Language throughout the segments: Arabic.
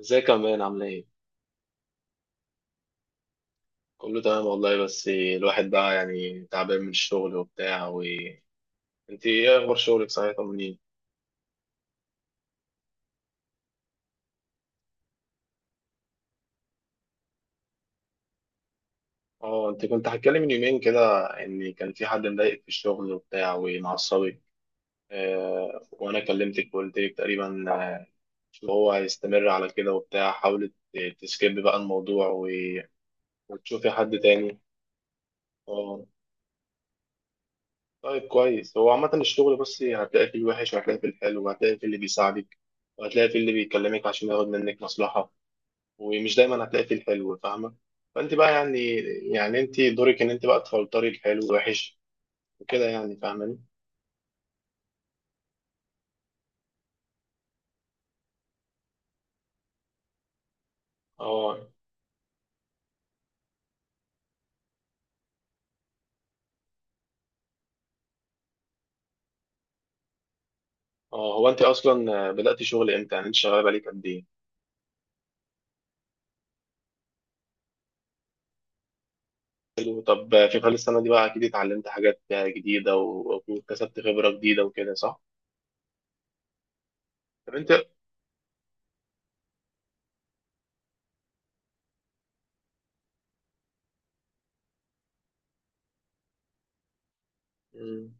ازيك يا مان؟ عامل ايه؟ كله تمام والله، بس الواحد بقى يعني تعبان من الشغل وبتاع انت ايه اخبار شغلك؟ صحيح طمنيني. اه، انت كنت هتكلم من يومين كده ان كان في حد مضايقك في الشغل وبتاع ومعصبك. آه، وانا كلمتك وقلت لك تقريبا ان هو هيستمر على كده وبتاع. حاولت تسكيب بقى الموضوع وتشوفي حد تاني. اه. طيب، كويس. هو عامة الشغل بس هتلاقي فيه الوحش، وهتلاقي فيه الحلو، وهتلاقي فيه اللي بيساعدك، وهتلاقي فيه اللي بيكلمك عشان ياخد منك مصلحة. ومش دايما هتلاقي فيه الحلو، فاهمة؟ فانت بقى يعني، يعني انت دورك ان انت بقى تفلتري الحلو والوحش وكده يعني، فاهماني؟ اه. اه، هو انت اصلا بدأتي شغل امتى؟ يعني انت شغالة بقالك قد ايه؟ حلو. طب في خلال السنة دي بقى اكيد اتعلمت حاجات جديدة وكسبت خبرة جديدة وكده، صح؟ طب انت. مم.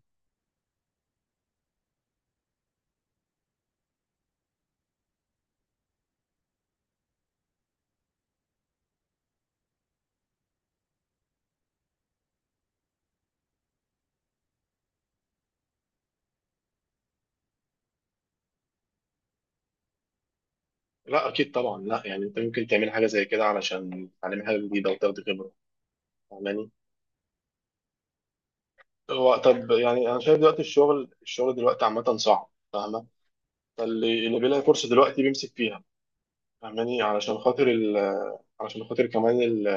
لا اكيد طبعا، لا يعني انت ممكن تعمل حاجة زي كده علشان تتعلمي حاجة جديدة وتاخدي خبرة، فاهماني؟ هو طب، يعني انا شايف دلوقتي الشغل دلوقتي عامة صعب، فاهمة؟ فاللي بيلاقي فرصه دلوقتي بيمسك فيها، فاهماني؟ علشان خاطر كمان ال...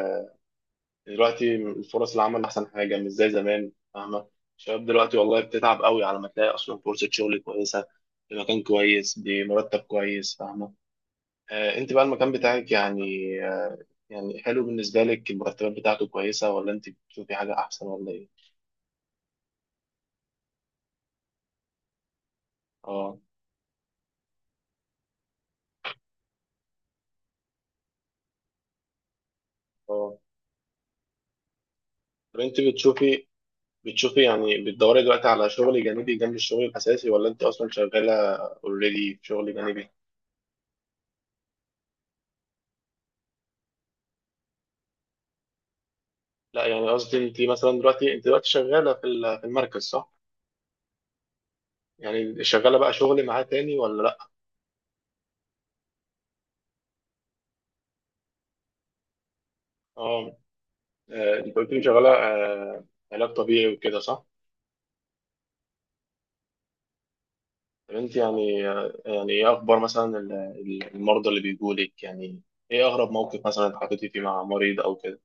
دلوقتي الفرص، العمل احسن حاجه، مش زي زمان، فاهمه؟ الشباب دلوقتي والله بتتعب قوي على ما تلاقي اصلا فرصه شغل كويسه في مكان كويس بمرتب كويس، فاهمه؟ انت بقى المكان بتاعك يعني، آه يعني حلو بالنسبه لك؟ المرتبات بتاعته كويسه، ولا انت بتشوفي حاجه احسن، ولا ايه؟ اه. اه، طب انت بتشوفي، يعني بتدوري دلوقتي على شغل جانبي جنب الشغل الأساسي، ولا أنت أصلا شغالة اوريدي في شغل جانبي؟ لا يعني قصدي، أنت مثلا دلوقتي، أنت دلوقتي شغالة في في المركز، صح؟ يعني شغالة بقى شغل معاه تاني ولا لأ؟ أه. أنت قلت لي شغالة علاج طبيعي وكده، صح؟ طب أنت يعني يعني إيه أخبار مثلا المرضى اللي بيجولك يعني؟ إيه أغرب موقف مثلا اتحطيتي فيه مع مريض أو كده؟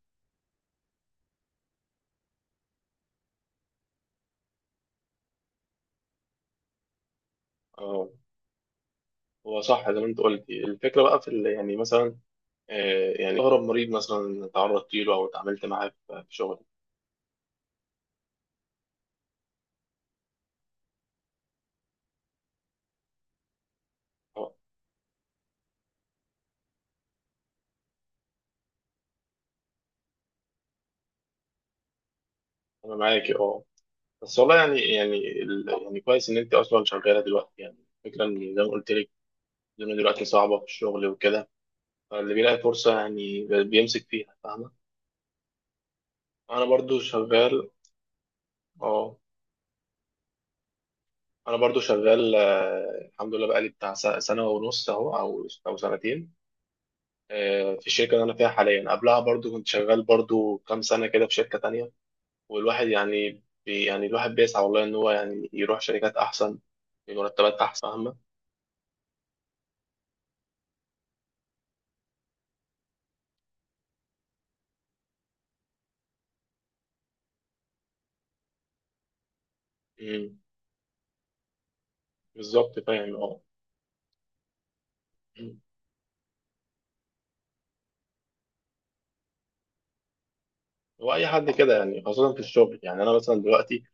أه. هو صح زي ما أنت قلتي. الفكرة بقى في يعني مثلا يعني أغرب مريض مثلا تعرضت له أو اتعاملت معاه في شغلك. أه، أنا معاكي، أه. بس والله يعني، كويس إن أنت أصلا شغالة دلوقتي يعني. الفكرة إن زي ما قلت لك، الدنيا دلوقتي صعبة في الشغل وكده، فاللي بيلاقي فرصة يعني بيمسك فيها، فاهمة؟ أنا برضو شغال. أه. أنا برضو شغال الحمد لله، بقالي بتاع سنة ونص أهو، أو سنتين. في الشركة اللي أنا فيها حاليا، قبلها برضو كنت شغال برضو كام سنة كده في شركة تانية. والواحد يعني يعني الواحد بيسعى والله ان هو يعني يروح شركات احسن بمرتبات احسن، فاهمة؟ أمم، بالظبط، فاهم، اه. أمم. هو اي حد كده يعني، خاصة في الشغل، يعني انا مثلا دلوقتي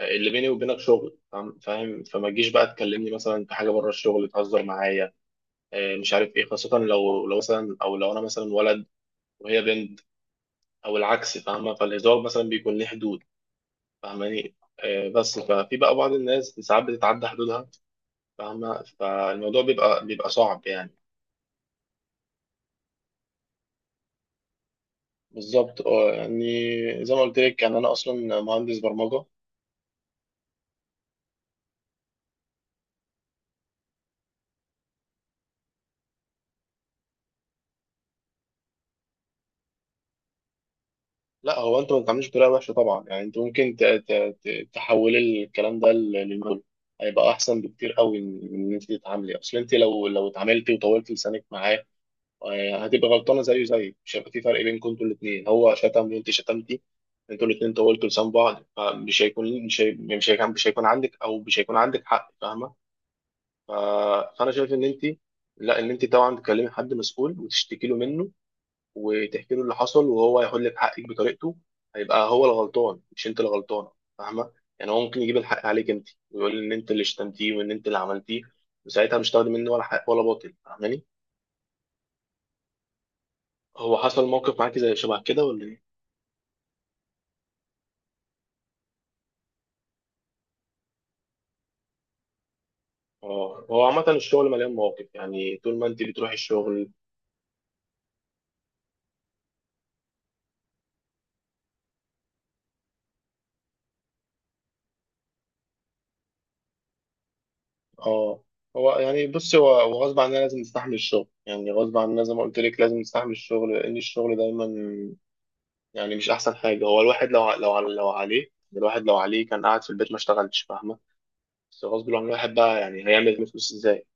اللي بيني وبينك شغل، فاهم فاهم؟ فما تجيش بقى تكلمني مثلا في حاجة بره الشغل، تهزر معايا مش عارف ايه، خاصة لو، مثلا، او لو انا مثلا ولد وهي بنت او العكس، فاهمة؟ فالهزار مثلا بيكون ليه حدود، فاهماني؟ بس ففي بقى بعض الناس ساعات بتتعدى حدودها، فاهمة؟ فالموضوع بيبقى صعب يعني. بالظبط، اه. يعني زي ما قلت لك، يعني انا اصلا مهندس برمجه. لا، هو انت ما بتعملش بطريقه وحشه طبعا، يعني انت ممكن تحول الكلام ده للموديل، هيبقى احسن بكتير قوي من ان انت تتعاملي. اصل انت لو اتعاملتي وطولت لسانك معاه هتبقى غلطانه زيه، زي مش هيبقى في فرق بينكم. انتوا الاثنين، هو شتم وانت شتمتي، انتوا الاثنين طولتوا لسان بعض، فمش هيكون عندك، او مش هيكون عندك حق، فاهمه؟ ف- فانا شايف ان انت، لا، ان انت طبعا تكلمي حد مسؤول وتشتكي له منه، وتحكي له اللي حصل، وهو هيحل لك حقك بطريقته. هيبقى هو الغلطان، مش انت اللي غلطانه، فاهمه؟ يعني هو ممكن يجيب الحق عليك انت، ويقول ان انت اللي شتمتيه وان انت اللي عملتيه، وساعتها مش تاخدي منه ولا حق ولا باطل، فاهماني؟ هو حصل موقف معاكي زي شبه كده ولا ايه؟ اه، هو عامه الشغل مليان مواقف يعني، طول ما انت بتروحي الشغل. اه، هو يعني بص، هو غصب عننا لازم نستحمل الشغل، يعني غصب عننا زي ما قلت لك لازم نستحمل الشغل، لان الشغل دايما يعني مش احسن حاجه. هو الواحد لو لو عليه، الواحد لو عليه كان قاعد في البيت ما اشتغلش، فاهمه؟ بس غصب عن الواحد بقى، يعني هيعمل إيه؟ فلوس ازاي؟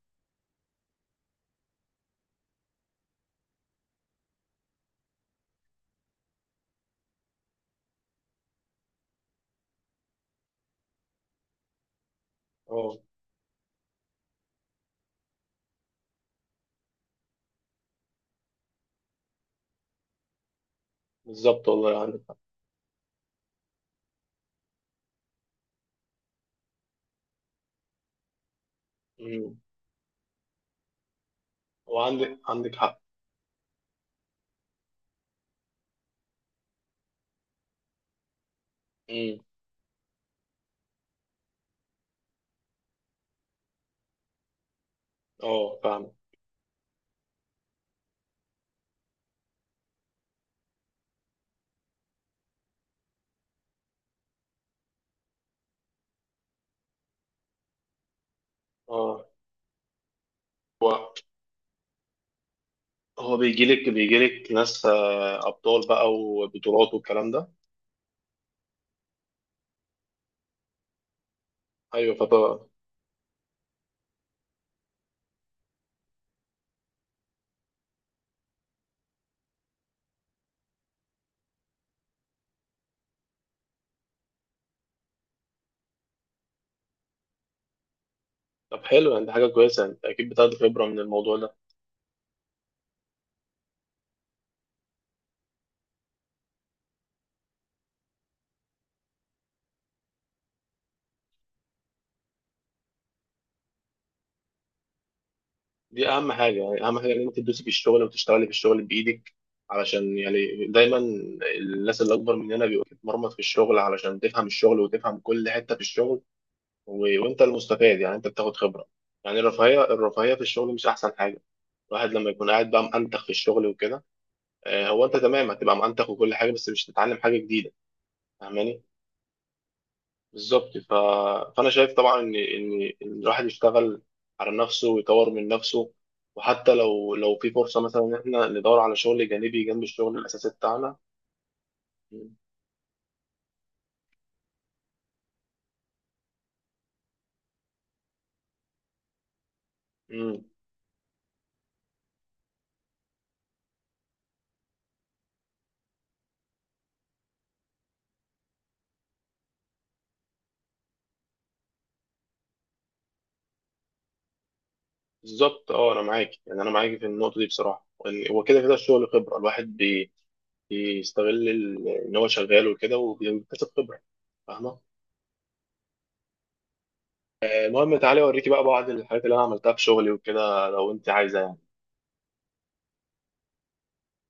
اه، بالظبط والله، عندك حق. امم. وعندك، حق. امم. اه، فاهم، اه. هو هو بيجي لك، ناس ابطال بقى وبطولات والكلام ده. ايوه، فطبعا. طب حلو يعني، دي حاجه كويسه، انت اكيد بتاخد خبره من الموضوع ده. دي اهم حاجه، يعني اهم حاجه ان انت تدوسي في الشغل وتشتغلي في الشغل بايدك، علشان يعني دايما الناس اللي اكبر مننا بيبقى تتمرمط في الشغل علشان تفهم الشغل وتفهم كل حته في الشغل وانت المستفاد، يعني انت بتاخد خبره. يعني الرفاهيه، في الشغل مش احسن حاجه. الواحد لما يكون قاعد بقى مأنتخ في الشغل وكده، هو انت تمام، هتبقى مأنتخ وكل حاجه، بس مش هتتعلم حاجه جديده، فاهماني؟ بالظبط. فانا شايف طبعا ان ان إن الواحد يشتغل على نفسه ويطور من نفسه، وحتى لو، في فرصه مثلا ان احنا ندور على شغل جانبي جنب الشغل الاساسي بتاعنا. امم. بالظبط، اه. انا معاك، يعني انا معاك في النقطه دي بصراحه، هو كده كده الشغل خبره، الواحد بيستغل ان هو شغال وكده، وبيكتسب خبره، فاهمه؟ المهم تعالي اوريكي بقى بعض الحاجات اللي انا عملتها في شغلي وكده، لو انت عايزه يعني.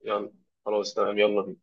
يلا. خلاص، تمام، يلا بينا.